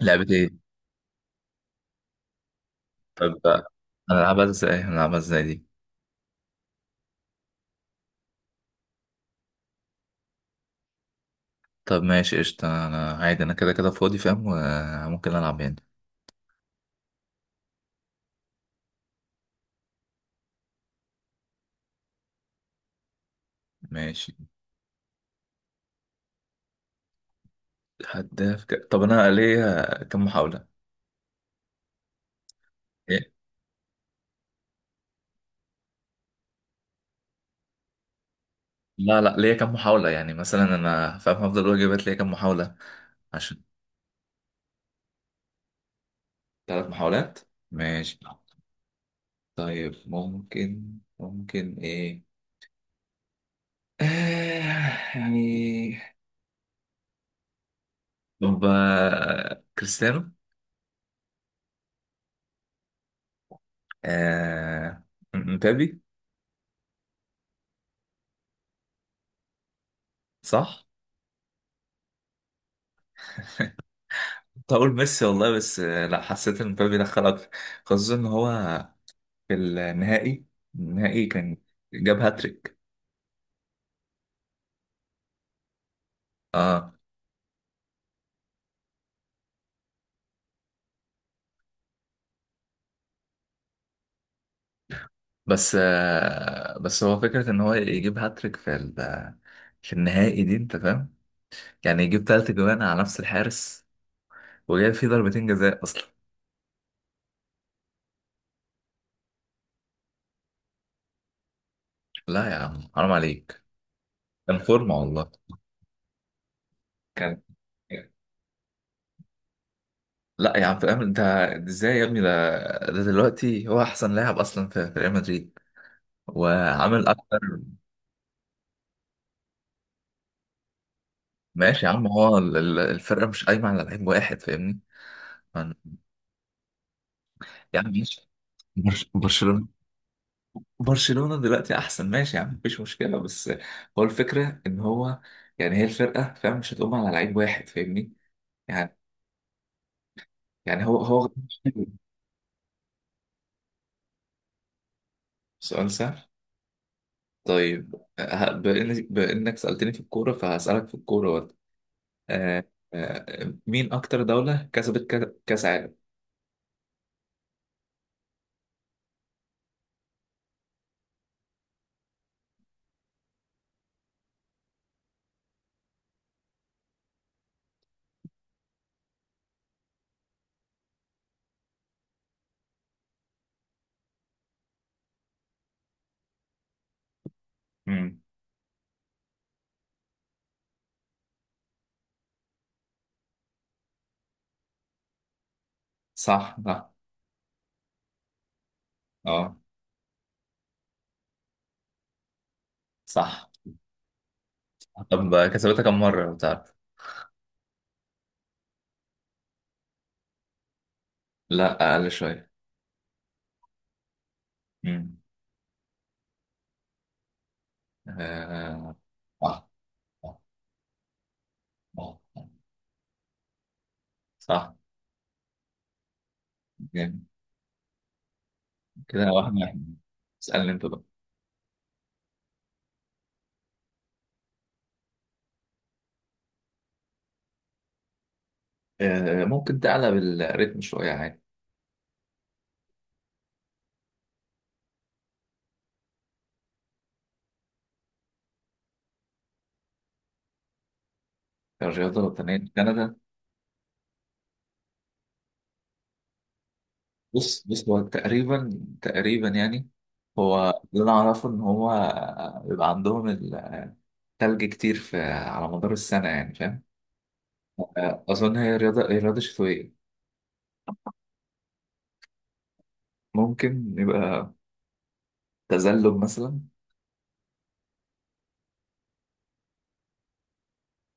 لعبة ايه؟ طب انا العبها ازاي دي؟ طب ماشي قشطة، انا عادي انا كده كده فاضي فاهم وممكن العب يعني. ماشي. طب انا ليا كم محاولة؟ إيه؟ لا لا، ليا كم محاولة يعني؟ مثلا انا فاهم هفضل اقول اجابات، ليا كم محاولة عشان 3 محاولات. ماشي. طيب ممكن ايه؟ يعني. طب كريستيانو. آه... مبابي. صح؟ كنت هقول ميسي والله، بس لا، حسيت ان مبابي دخل اكتر، خصوصا ان هو في النهائي كان جاب هاتريك. اه بس بس هو فكرة ان هو يجيب هاتريك في النهائي دي انت فاهم، يعني يجيب 3 جوان على نفس الحارس وجاب فيه ضربتين جزاء اصلا. لا يا عم حرام عليك، كان فورمة والله. كان لا يا عم فاهم انت؟ ازاي يا ابني ده دلوقتي هو احسن لاعب اصلا في ريال مدريد وعامل اكتر. ماشي يا عم، هو الفرقة مش قايمة على لعيب واحد فاهمني يعني. يا عم ماشي. برشلونة، برشلونة دلوقتي أحسن ماشي يا عم مفيش مشكلة، بس هو الفكرة إن هو يعني هي الفرقة فاهم مش هتقوم على لعيب واحد فاهمني يعني يعني هو. سؤال سهل. طيب، بإنك سألتني في الكورة فهسألك في الكورة برضه. آه، مين أكتر دولة كسبت كأس عالم؟ مم. صح صح، اه صح. طب كسبتها كم مرة بتاع؟ لا، أقل شوية. مم. آه. صح صح صح صح. جامد. كده 1-1. اسألني أنت بقى. ممكن تعلى بالريتم شوية عادي. الرياضة الوطنية لكندا؟ بص هو تقريبا يعني هو اللي أنا أعرفه إن هو بيبقى عندهم التلج كتير في على مدار السنة يعني فاهم. أظن هي رياضة شتوية. ممكن يبقى تزلج مثلا.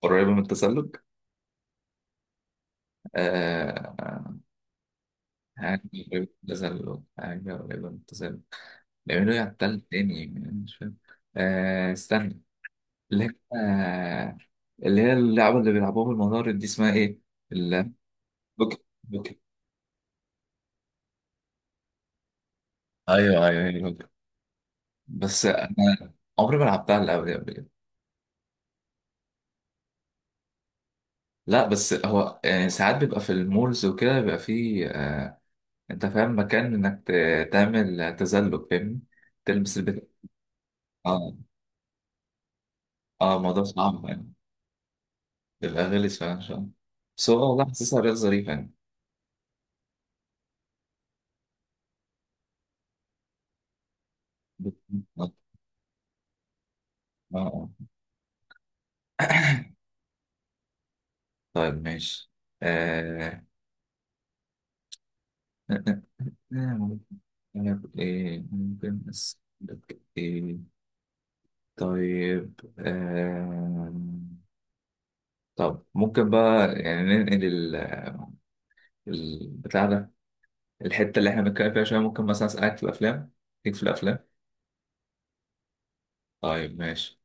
قريبة من التزلج. آه. عارف. اعتزل وحاجة ولا اعتزل؟ لأنه يعتزل تاني يعني أنا مش فاهم. استنى، اللي هي، آه اللي هي اللعبة اللي بيلعبوها بالمضارب دي اسمها إيه؟ البوكي. بوكي. أيوه أيوه أيوه، بوكي. بس أنا عمري ما لعبتها اللعبة دي قبل كده. لا بس هو يعني ساعات بيبقى في المولز وكده بيبقى فيه، أنت فاهم، مكان إنك تعمل تزلج فاهمني؟ تلبس البتاع. آه الموضوع صعب يعني. الأغاني اللي سمعها شوية بس هو والله حاسسها رياضة ظريفة يعني. بت- آه، آه. طيب ماشي. آه... أنا ب- إيه ممكن أسألك إيه؟ طيب طب ممكن بقى يعني ننقل البتاع ده، الحتة اللي إحنا بنتكلم فيها شوية، ممكن مثلا أسألك في الأفلام، ليك في الأفلام؟ طيب ماشي.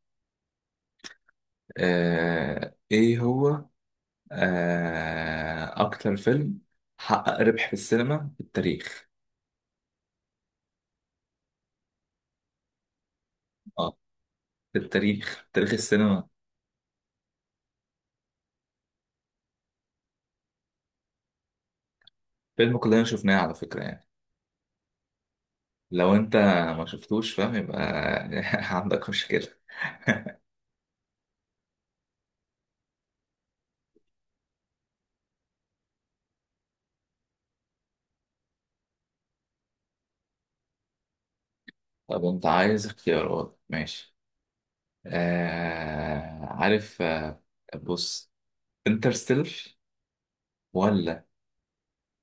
إيه هو، أكتر فيلم حقق ربح في السينما في التاريخ؟ اه، في التاريخ، تاريخ السينما. فيلم كلنا شفناه على فكرة يعني. لو أنت ما شفتوش فاهم يبقى عندك مشكلة. طب أنت عايز اختيارات؟ ماشي. عارف. بص، انترستيلر؟ ولا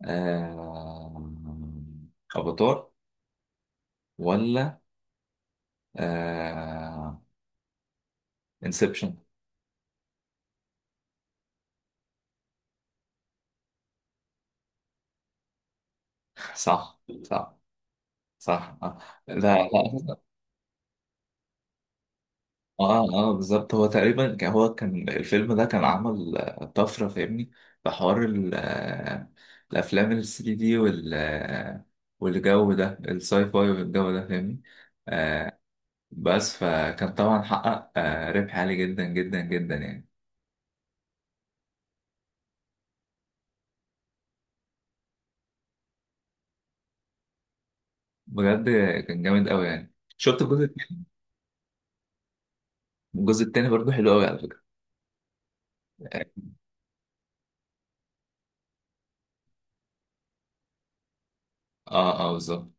آه أفاتار؟ ولا آه انسبشن؟ صح صح. صح لا لا. اه اه، بالظبط. هو كان الفيلم ده كان عمل طفرة فاهمني، في حوار الأفلام ال الـ3 دي، والجو ده الساي فاي والجو ده فاهمني. آه بس فكان طبعا حقق ربح عالي جدا جدا جدا يعني. بجد كان جامد قوي يعني. شفت الجزء التاني؟ الجزء التاني برضه حلو قوي على فكرة. اه اه، بالظبط.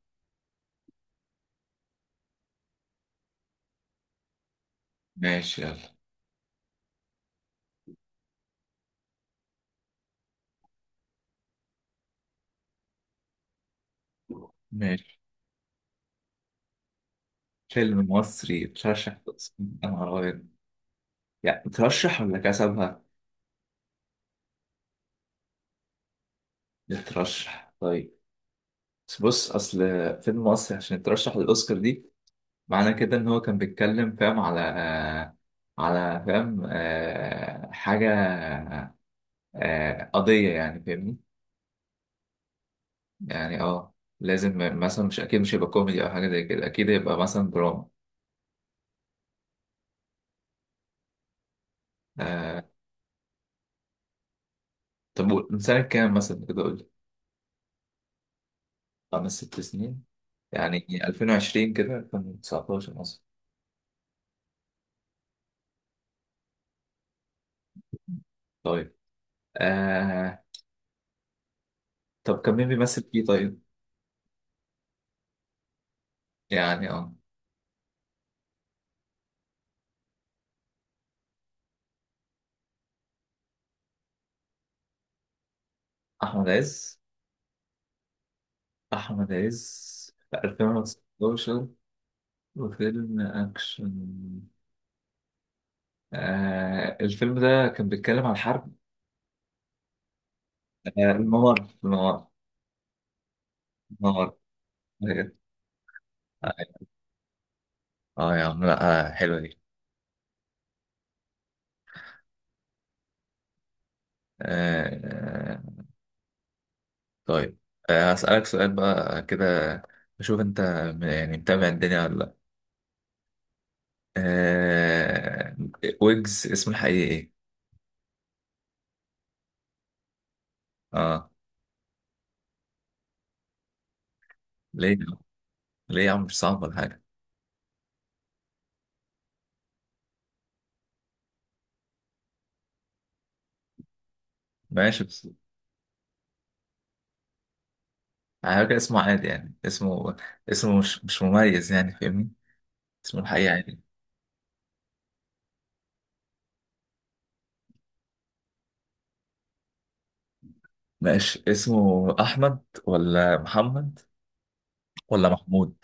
ماشي يلا. ماشي. فيلم مصري ترشح؟ انا ابيض، يعني ترشح ولا كسب؟ يترشح. طيب. بس بص، اصل فيلم مصري عشان يترشح للاوسكار دي، معنى كده ان هو كان بيتكلم فاهم على، على فاهم، حاجه، قضيه يعني فاهمني. يعني اه، لازم مثلا، مش اكيد مش هيبقى كوميدي او حاجه زي كده، اكيد هيبقى مثلا دراما. آه، طب، من سنه كام مثلا كده قول لي؟ 5، 6 سنين؟ يعني 2020 كده، 2019 مثلا. طيب. آه طب كان مين بيمثل فيه طيب؟ يعني اه، أحمد عز. أحمد عز في 2016 وفيلم أكشن. الفيلم ده كان بيتكلم عن حرب. الممر، الممر، الممر! أيوة. اه يا عم، لا حلوة دي. آه آه، طيب. هسألك سؤال بقى كده، أشوف أنت يعني متابع الدنيا ولا لأ. آه ويجز، اسمه الحقيقي إيه؟ اه. ليه؟ ليه يا عم، مش صعب ولا حاجة. ماشي، على فكرة اسمه عادي، يعني اسمه مش مميز يعني فاهمني. اسمه الحقيقي عادي. ماشي، اسمه أحمد ولا محمد ولا محمود؟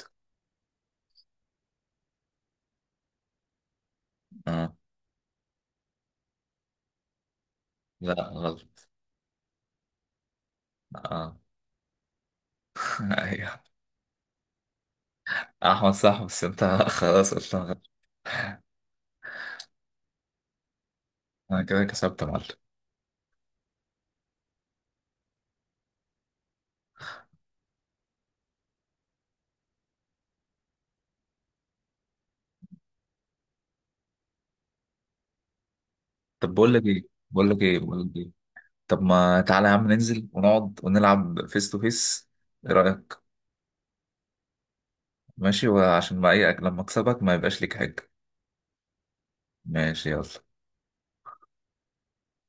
اه. لا غلط. اه. ايوه، أحمد صح، بس أنت خلاص قلت غلط. أنا كده كسبت يا معلم. طب بقول لك إيه، بقول لك إيه، بقول لك إيه؟ طب ما تعالى يا عم ننزل ونقعد ونلعب فيس تو فيس، إيه رأيك؟ ماشي. وعشان ما إيه، لما أكسبك ما يبقاش ليك حاجة. ماشي يلا.